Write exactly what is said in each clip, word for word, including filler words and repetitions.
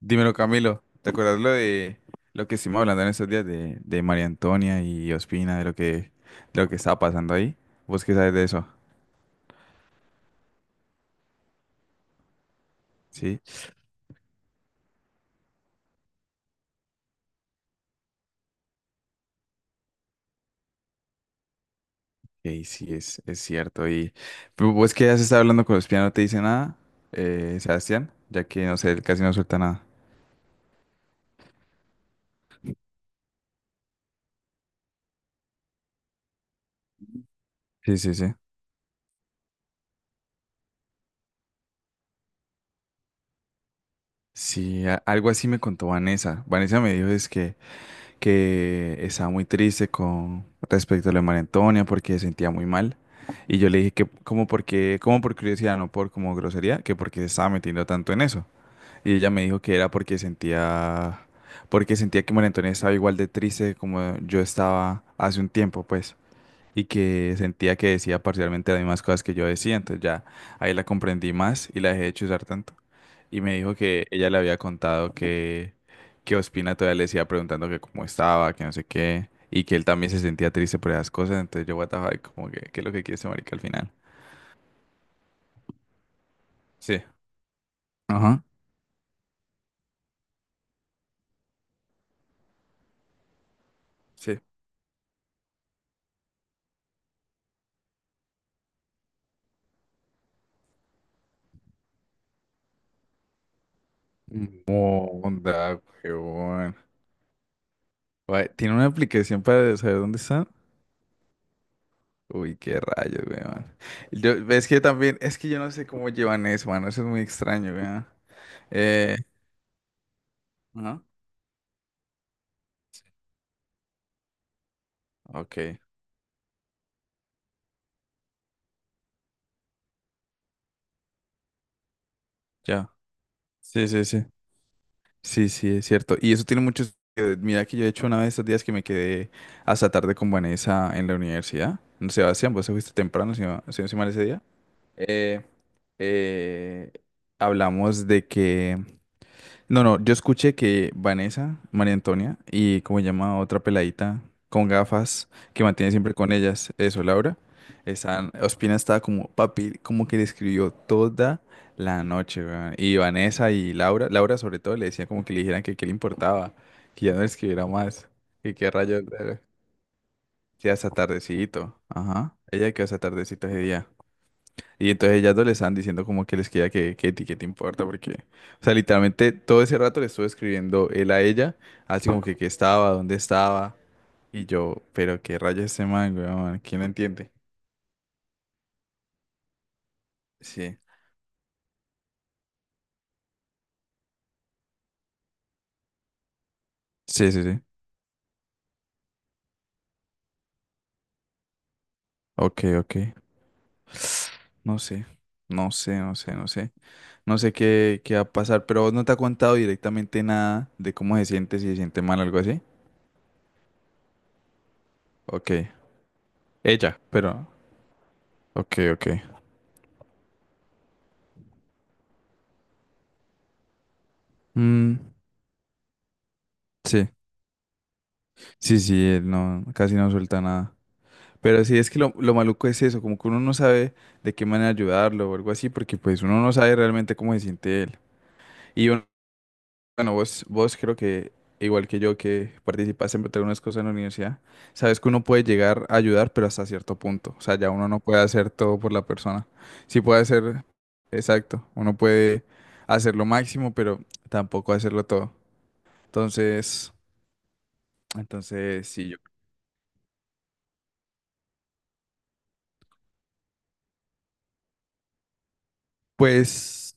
Dímelo, Camilo, ¿te acuerdas lo de lo que estuvimos hablando en esos días de, de María Antonia y Ospina, de lo que, de lo que estaba pasando ahí? ¿Vos qué sabes de eso? Sí, y sí, es, es cierto. ¿Y pero vos que has estado hablando con Ospina no te dice nada, eh, Sebastián? Ya que, no sé, él casi no suelta nada. Sí, sí, sí. Sí, a- algo así me contó Vanessa. Vanessa me dijo es que que estaba muy triste con respecto a lo de María Antonia porque se sentía muy mal. Y yo le dije que como porque, como por curiosidad, no por como grosería, que porque se estaba metiendo tanto en eso. Y ella me dijo que era porque sentía, porque sentía que María Antonia estaba igual de triste como yo estaba hace un tiempo, pues y que sentía que decía parcialmente las mismas cosas que yo decía, entonces ya ahí la comprendí más y la dejé de chuzar tanto. Y me dijo que ella le había contado que, que Ospina todavía le decía preguntando que cómo estaba, que no sé qué, y que él también se sentía triste por esas cosas, entonces yo, what the fuck, como que, ¿qué es lo que quiere ese marica al final? Sí. Ajá. Sí. Mm. Onda, huevón. Guay, tiene una aplicación para saber dónde están. Uy, qué rayos, weón. Yo, es que también, es que yo no sé cómo llevan eso, mano. Eso es muy extraño, weón. Eh, ajá, ok, ya. Sí, sí, sí. Sí, sí, es cierto. Y eso tiene muchos. eh, Mira que yo he hecho una de estos días que me quedé hasta tarde con Vanessa en la universidad. No, Sebastián, vos te fuiste temprano, si no, si no estoy mal ese día. Eh, eh, hablamos de que. No, no, yo escuché que Vanessa, María Antonia y como se llama otra peladita con gafas que mantiene siempre con ellas, eso, Laura, están, Ospina estaba como, papi, como que le escribió toda la noche, weón. Y Vanessa y Laura, Laura sobre todo le decía como que le dijeran que qué le importaba, que ya no le escribiera más, que qué rayos, eh, que hasta tardecito, ajá, ella quedó hasta tardecito ese día. Y entonces ellas dos le están diciendo como que les queda que, que a ti qué te importa, porque, o sea, literalmente todo ese rato le estuve escribiendo él a ella, así como que qué estaba, dónde estaba, y yo, pero qué rayos este man, weón, ¿quién lo entiende? Sí, sí, sí, sí, ok, ok, no sé, no sé, no sé, no sé, no sé qué, qué va a pasar, pero vos no te ha contado directamente nada de cómo se siente, si se siente mal, o algo así, ok, ella, pero, ok, ok, mm, sí, sí, sí, él no, casi no suelta nada. Pero sí, es que lo, lo maluco es eso, como que uno no sabe de qué manera ayudarlo o algo así, porque pues uno no sabe realmente cómo se siente él. Y un- bueno, vos, vos creo que, igual que yo, que participaste en algunas cosas en la universidad, sabes que uno puede llegar a ayudar, pero hasta cierto punto. O sea, ya uno no puede hacer todo por la persona. Sí puede hacer, exacto, uno puede hacer lo máximo, pero tampoco hacerlo todo. Entonces, entonces sí, yo pues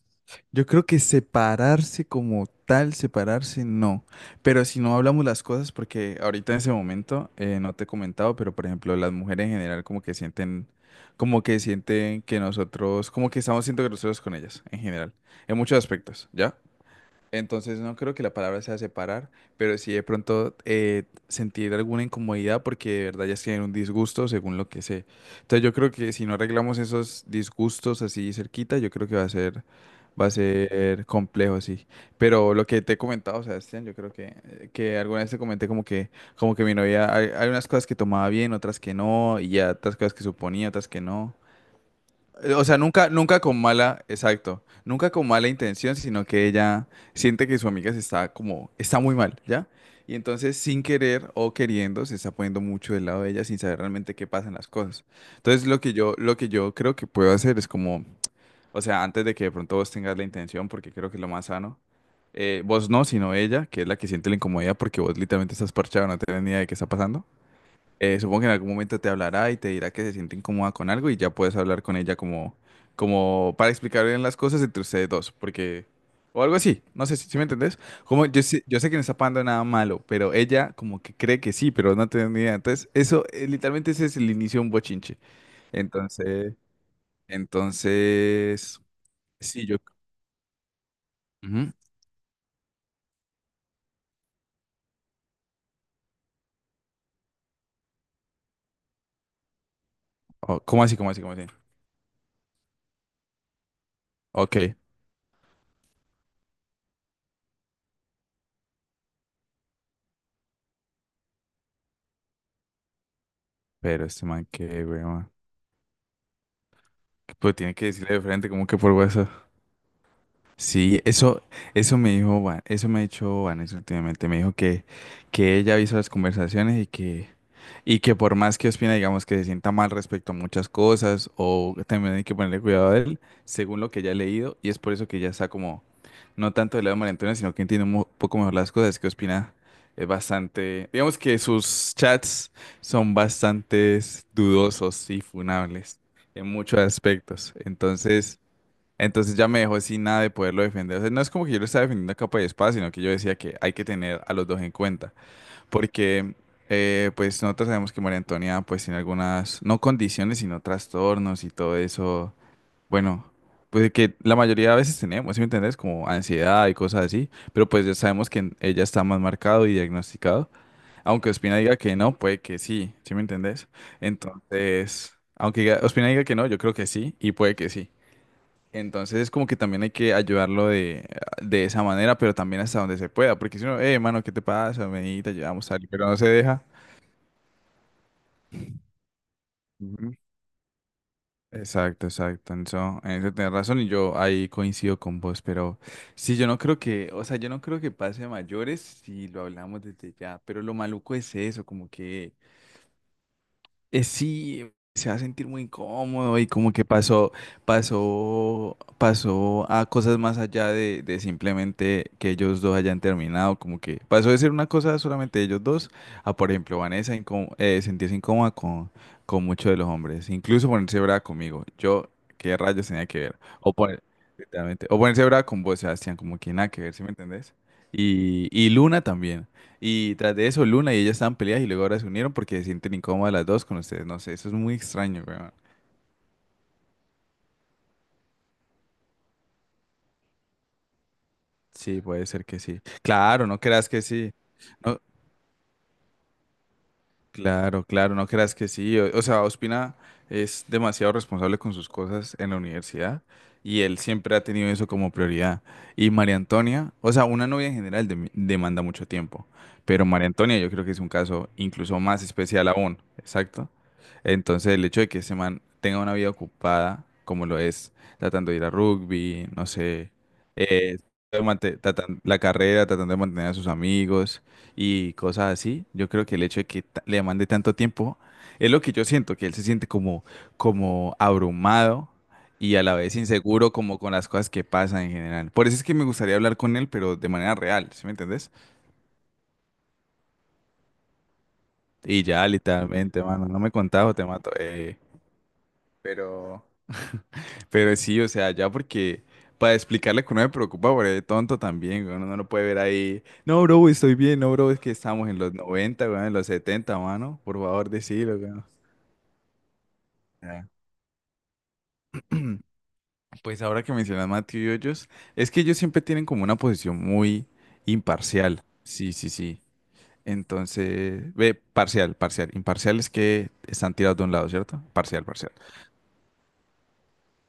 yo creo que separarse como tal, separarse no. Pero si no hablamos las cosas, porque ahorita en ese momento eh, no te he comentado, pero por ejemplo, las mujeres en general como que sienten, como que sienten que nosotros, como que estamos siendo groseros con ellas en general, en muchos aspectos, ¿ya? Entonces no creo que la palabra sea separar, pero sí de pronto eh, sentir alguna incomodidad porque de verdad ya es que hay un disgusto según lo que sé. Entonces yo creo que si no arreglamos esos disgustos así cerquita, yo creo que va a ser, va a ser complejo, sí. Pero lo que te he comentado, Sebastián, yo creo que, eh, que alguna vez te comenté como que, como que mi novia, hay, hay unas cosas que tomaba bien, otras que no, y ya otras cosas que suponía, otras que no. Eh, o sea, nunca, nunca con mala, exacto, nunca con mala intención, sino que ella siente que su amiga se está como, está muy mal, ¿ya? Y entonces, sin querer o queriendo, se está poniendo mucho del lado de ella sin saber realmente qué pasan las cosas. Entonces, lo que yo, lo que yo creo que puedo hacer es como, o sea, antes de que de pronto vos tengas la intención, porque creo que es lo más sano, eh, vos no, sino ella, que es la que siente la incomodidad porque vos literalmente estás parchado, no tenés ni idea de qué está pasando. Eh, supongo que en algún momento te hablará y te dirá que se siente incómoda con algo y ya puedes hablar con ella como, como para explicar bien las cosas entre ustedes dos, porque, o algo así, no sé si, si me entendés. Como yo sé, yo sé que no está pasando nada malo, pero ella como que cree que sí, pero no tiene ni idea. Entonces, eso, eh, literalmente ese es el inicio de un bochinche. Entonces, entonces, sí, yo... ujú. Oh, ¿cómo así, cómo así, cómo así? Ok, pero este man que, weón, pues tiene que decirle de frente como que por WhatsApp. Sí, eso, eso me dijo Van- eso me ha dicho Vanessa últimamente, me dijo que, que ella hizo las conversaciones y que, y que por más que opina, digamos, que se sienta mal respecto a muchas cosas, o también hay que ponerle cuidado a él, según lo que ella ha leído, y es por eso que ella está como, no tanto del lado de María Antonia, sino que entiende un mo- poco mejor las cosas, que opina es bastante, digamos que sus chats son bastante dudosos y funables en muchos aspectos. Entonces... entonces ya me dejó sin nada de poderlo defender. O sea, no es como que yo lo estaba defendiendo a capa y espada, sino que yo decía que hay que tener a los dos en cuenta. Porque, eh, pues, nosotros sabemos que María Antonia, pues, tiene algunas, no condiciones, sino trastornos y todo eso. Bueno, pues que la mayoría de veces tenemos, ¿sí me entendés? Como ansiedad y cosas así. Pero pues ya sabemos que en- ella está más marcado y diagnosticado. Aunque Ospina diga que no, puede que sí, ¿sí me entendés? Entonces, aunque diga- Ospina diga que no, yo creo que sí y puede que sí. Entonces es como que también hay que ayudarlo de, de esa manera, pero también hasta donde se pueda, porque si no, eh, mano, ¿qué te pasa? Vení, te ayudamos a salir", pero no se deja. Ujú. Exacto, exacto. En eso, en eso, tenés razón y yo ahí coincido con vos, pero sí, yo no creo que, o sea, yo no creo que pase a mayores si lo hablamos desde ya, pero lo maluco es eso, como que Eh, sí, se va a sentir muy incómodo y como que pasó, pasó, pasó a cosas más allá de, de simplemente que ellos dos hayan terminado, como que pasó de ser una cosa solamente de ellos dos a, por ejemplo, Vanessa incó- eh, sentirse incómoda con, con muchos de los hombres, incluso ponerse brava conmigo. Yo, ¿qué rayos tenía que ver? O poner, literalmente, o ponerse brava con vos, Sebastián, como que nada que ver, ¿sí me entendés? Y, y Luna también. Y tras de eso, Luna y ella estaban peleadas y luego ahora se unieron porque se sienten incómodas las dos con ustedes. No sé, eso es muy extraño, weón. Sí, puede ser que sí. Claro, no creas que sí. No, claro, claro, no creas que sí. O, o sea, Ospina es demasiado responsable con sus cosas en la universidad y él siempre ha tenido eso como prioridad. Y María Antonia, o sea, una novia en general dem- demanda mucho tiempo, pero María Antonia yo creo que es un caso incluso más especial aún, exacto. Entonces, el hecho de que ese man tenga una vida ocupada, como lo es, tratando de ir a rugby, no sé, eh, mante- tratan- la carrera, tratando de mantener a sus amigos y cosas así. Yo creo que el hecho de que ta- le mande tanto tiempo es lo que yo siento, que él se siente como, como abrumado y a la vez inseguro como con las cosas que pasan en general. Por eso es que me gustaría hablar con él, pero de manera real, ¿sí me entendés? Y ya literalmente, mano, no me contás o te mato. eh, pero, pero sí, o sea, ya porque... Para explicarle que uno me preocupa por el tonto también, güey, uno no lo puede ver ahí. No, bro, estoy bien, no, bro, es que estamos en los noventa güey, en los setenta mano. Por favor, decilo, güey. Pues ahora que mencionas Matthew y Hoyos, es que ellos siempre tienen como una posición muy imparcial. Sí, sí, sí. Entonces, ve, parcial, parcial. Imparcial es que están tirados de un lado, ¿cierto? Parcial, parcial.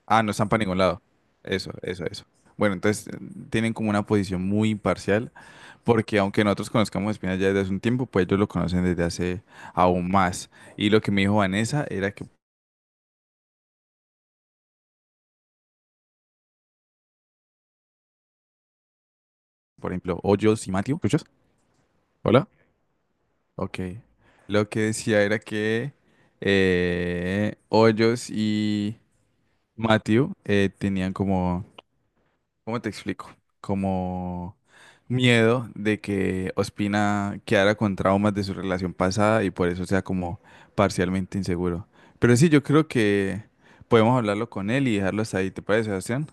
Ah, no están para ningún lado. Eso, eso, eso. Bueno, entonces eh, tienen como una posición muy imparcial, porque aunque nosotros conozcamos a Espina ya desde hace un tiempo, pues ellos lo conocen desde hace aún más. Y lo que me dijo Vanessa era que, por ejemplo, Hoyos y Matthew, ¿escuchas? Hola. Ok. Lo que decía era que eh, Hoyos y Matthew eh, tenían como, ¿cómo te explico? Como miedo de que Ospina quedara con traumas de su relación pasada y por eso sea como parcialmente inseguro. Pero sí, yo creo que podemos hablarlo con él y dejarlo hasta ahí, ¿te parece, Sebastián?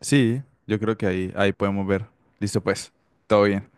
Sí, yo creo que ahí, ahí podemos ver. Listo, pues, todo bien.